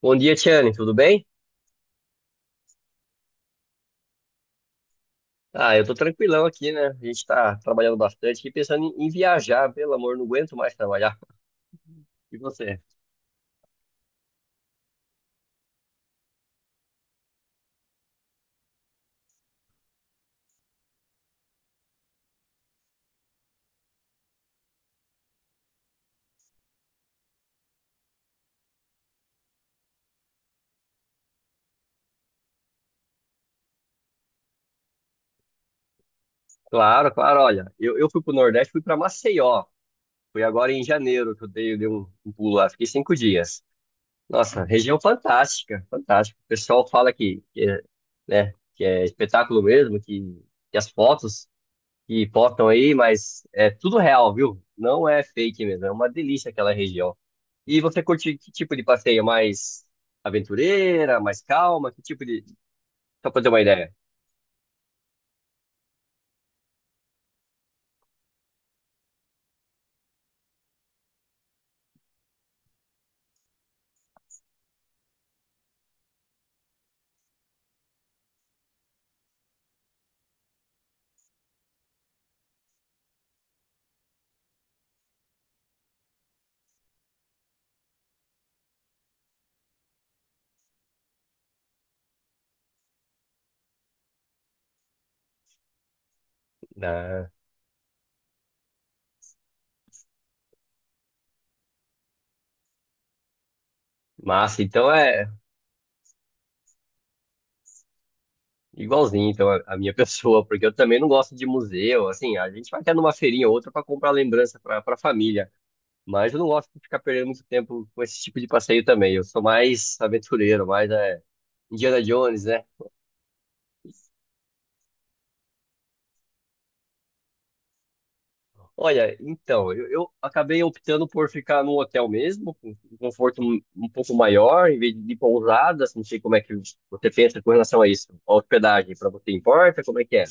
Bom dia, Tiane, tudo bem? Ah, eu tô tranquilão aqui, né? A gente tá trabalhando bastante e pensando em viajar, pelo amor, não aguento mais trabalhar. E você? Claro, claro, olha, eu fui pro Nordeste, fui pra Maceió, fui agora em janeiro que eu dei um pulo lá, fiquei 5 dias. Nossa, região fantástica, fantástica. O pessoal fala que é, né, que é espetáculo mesmo, que as fotos que botam aí, mas é tudo real, viu? Não é fake mesmo, é uma delícia aquela região. E você curte que tipo de passeio? Mais aventureira, mais calma? Que tipo de. Só pra ter uma ideia. Ah, massa, então é igualzinho então, a minha pessoa, porque eu também não gosto de museu, assim, a gente vai até numa feirinha ou outra para comprar lembrança para pra família, mas eu não gosto de ficar perdendo muito tempo com esse tipo de passeio também. Eu sou mais aventureiro, mais é, Indiana Jones, né? Olha, então, eu acabei optando por ficar num hotel mesmo, com um conforto um pouco maior, em vez de pousadas, não sei como é que você pensa com relação a isso. A hospedagem, para você importa, como é que é?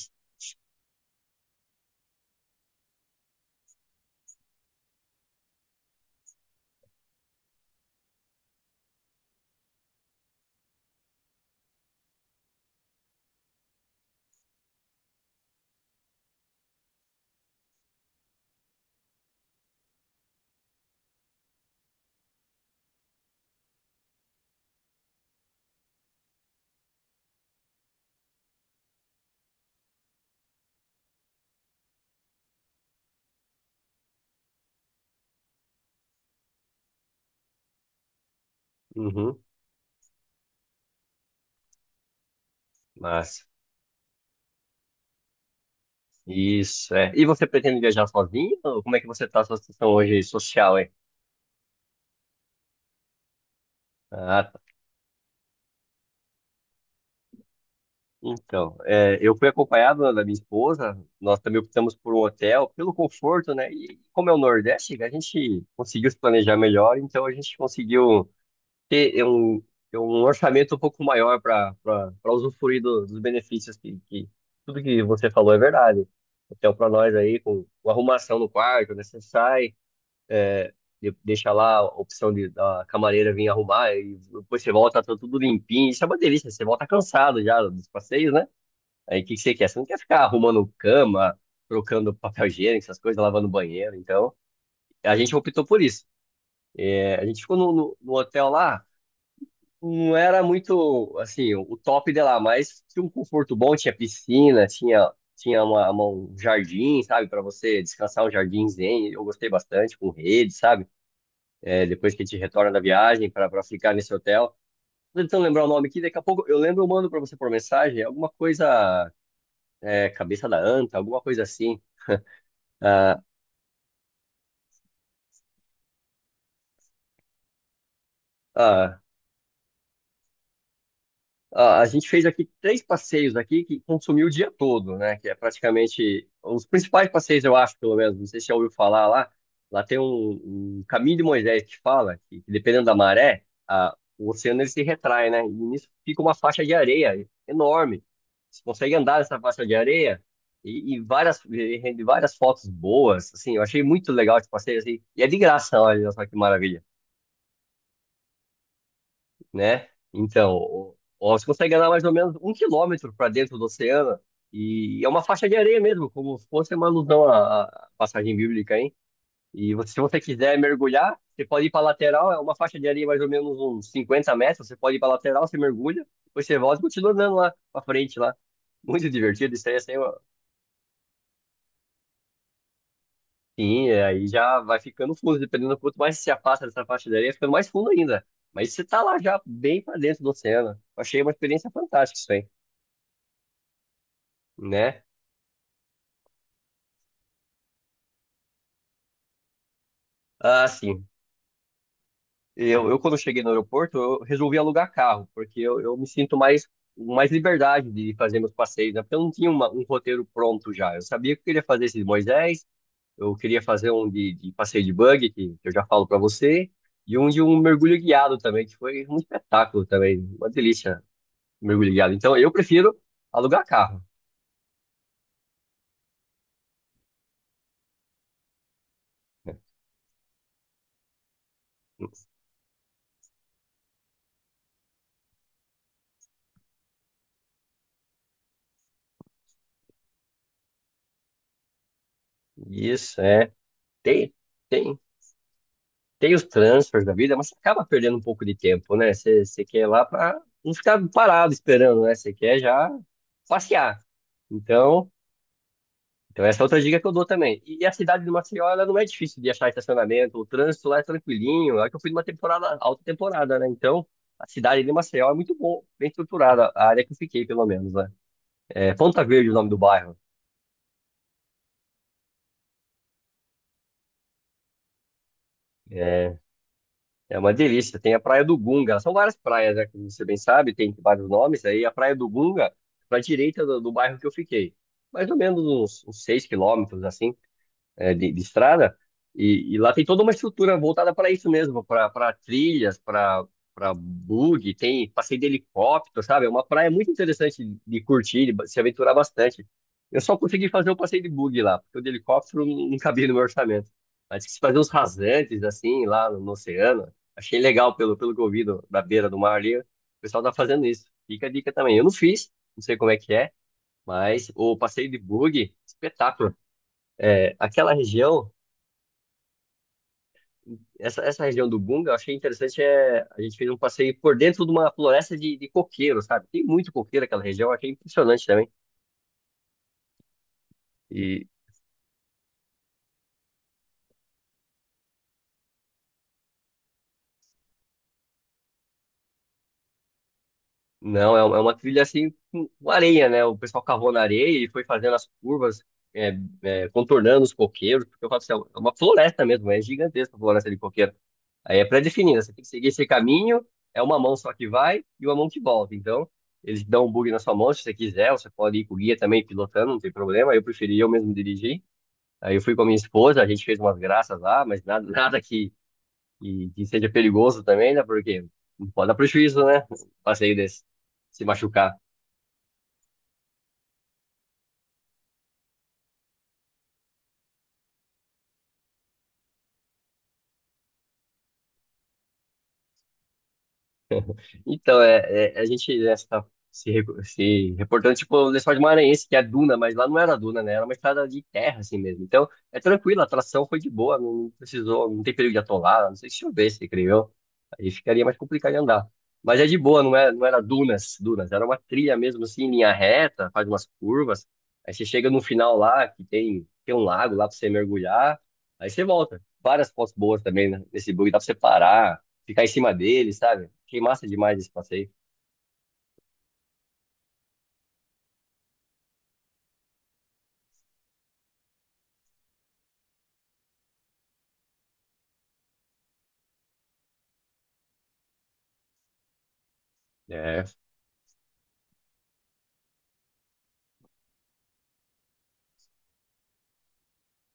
Uhum, massa. Isso, é. E você pretende viajar sozinho? Ou como é que você está a sua situação hoje social, hein? Ah, tá. Então, é, eu fui acompanhado da minha esposa, nós também optamos por um hotel, pelo conforto, né? E como é o Nordeste, a gente conseguiu se planejar melhor, então a gente conseguiu ter é um orçamento um pouco maior para usufruir dos benefícios que tudo que você falou é verdade. Hotel para nós aí, com arrumação no quarto, né? Você sai, é, deixa lá a opção da camareira vir arrumar, e depois você volta, tá tudo limpinho. Isso é uma delícia, você volta cansado já dos passeios, né? Aí o que que você quer? Você não quer ficar arrumando cama, trocando papel higiênico, essas coisas, lavando banheiro. Então, a gente optou por isso. É, a gente ficou no hotel lá, não era muito, assim, o top de lá, mas tinha um conforto bom, tinha piscina, tinha um jardim, sabe, para você descansar, um jardim zen, eu gostei bastante, com rede, sabe. É, depois que a gente retorna da viagem para ficar nesse hotel. Tô tentando lembrar o nome aqui, daqui a pouco eu lembro, eu mando para você por mensagem, alguma coisa, cabeça da anta, alguma coisa assim. Ah, ah, Ah, a gente fez aqui três passeios aqui que consumiu o dia todo, né? Que é praticamente os principais passeios, eu acho, pelo menos. Não sei se já ouviu falar lá. Lá tem um caminho de Moisés que fala que dependendo da maré, o oceano ele se retrai, né? E nisso fica uma faixa de areia enorme. Você consegue andar nessa faixa de areia e rende várias fotos boas, assim. Eu achei muito legal esse passeio, assim. E é de graça, olha só que maravilha, né? Então, você consegue andar mais ou menos 1 quilômetro para dentro do oceano, e é uma faixa de areia mesmo, como se fosse uma alusão à passagem bíblica, hein? Se você quiser mergulhar, você pode ir para a lateral, é uma faixa de areia mais ou menos uns 50 metros, você pode ir para a lateral, você mergulha, depois você volta e continua andando lá para frente lá. Muito divertido isso aí, assim, ó. Sim, é, aí já vai ficando fundo, dependendo do quanto mais você se afasta dessa faixa de areia, fica mais fundo ainda. Mas você tá lá já bem para dentro do oceano. Eu achei uma experiência fantástica isso aí, né? Ah, assim, eu quando cheguei no aeroporto, eu resolvi alugar carro, porque eu me sinto mais, com mais liberdade de fazer meus passeios, né? Porque eu não tinha um roteiro pronto já. Eu sabia que eu queria fazer esse de Moisés, eu queria fazer um de passeio de buggy, que eu já falo para você, e um de um mergulho guiado também, que foi um espetáculo também, uma delícia, mergulho guiado. Então, eu prefiro alugar carro, né? Isso, é. Tem, tem. Tem os transfers da vida, mas você acaba perdendo um pouco de tempo, né? Você quer ir lá para não ficar parado esperando, né? Você quer já passear. Então, essa é outra dica que eu dou também. E a cidade de Maceió, ela não é difícil de achar estacionamento, o trânsito lá é tranquilinho. É que eu fui numa temporada, alta temporada, né? Então, a cidade de Maceió é muito boa, bem estruturada, a área que eu fiquei, pelo menos, né? É Ponta Verde, o nome do bairro. É, É uma delícia. Tem a Praia do Gunga. São várias praias, né? Como você bem sabe, tem vários nomes. Aí a Praia do Gunga, para a direita do bairro que eu fiquei. Mais ou menos uns, uns 6 quilômetros, assim, de estrada, e lá tem toda uma estrutura voltada para isso mesmo, para trilhas, para bug, tem passeio de helicóptero, sabe? É uma praia muito interessante de curtir, se aventurar bastante. Eu só consegui fazer o passeio de bug lá, porque o de helicóptero não cabia no meu orçamento. Mas quis fazer uns rasantes, assim, lá no oceano. Achei legal pelo que eu vi da beira do mar ali. O pessoal tá fazendo isso. Fica a dica também. Eu não fiz, não sei como é que é, mas o passeio de bug, espetáculo. É, essa região do Bunga, eu achei interessante, a gente fez um passeio por dentro de uma floresta de coqueiro, sabe? Tem muito coqueiro naquela região, eu achei impressionante também. E não, é, é uma trilha assim, com areia, né? O pessoal cavou na areia e foi fazendo as curvas, é, contornando os coqueiros, porque eu falo assim, é uma floresta mesmo, é gigantesca a floresta de coqueiro. Aí é pré-definida, você tem que seguir esse caminho, é uma mão só que vai e uma mão que volta. Então, eles dão um bug na sua mão se você quiser, você pode ir com o guia também pilotando, não tem problema, eu preferi eu mesmo dirigir. Aí eu fui com a minha esposa, a gente fez umas graças lá, mas nada, nada que seja perigoso também, né? Porque não pode dar prejuízo, né? Um passeio desse, se machucar. Então, a gente essa, se, re- se reportando, tipo, o Lençol de Maranhense, que é Duna, mas lá não era Duna, né? Era uma estrada de terra, assim mesmo. Então, é tranquilo, a tração foi de boa, não precisou, não tem perigo de atolar, não sei, se chovesse, creio eu, aí ficaria mais complicado de andar. Mas é de boa, não era dunas, dunas, era uma trilha mesmo, assim, em linha reta, faz umas curvas. Aí você chega no final lá, que tem um lago lá pra você mergulhar, aí você volta. Várias fotos boas também, né? Nesse bug dá pra você parar, ficar em cima dele, sabe? Achei massa demais esse passeio. É,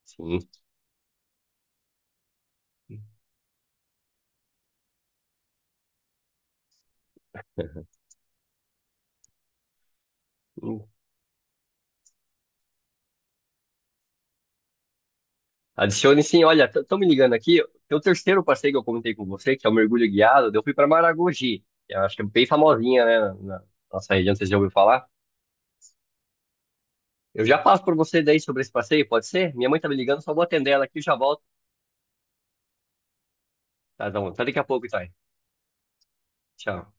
sim. Adicione sim, olha, estão me ligando aqui. Tem o terceiro passeio que eu comentei com você, que é o mergulho guiado. Eu fui para Maragogi, que eu acho que é bem famosinha, né? Na nossa região, vocês já ouviram falar. Eu já passo por você daí sobre esse passeio, pode ser? Minha mãe tá me ligando, só vou atender ela aqui e já volto. Tá, tá bom. Até daqui a pouco, Thay. Tchau.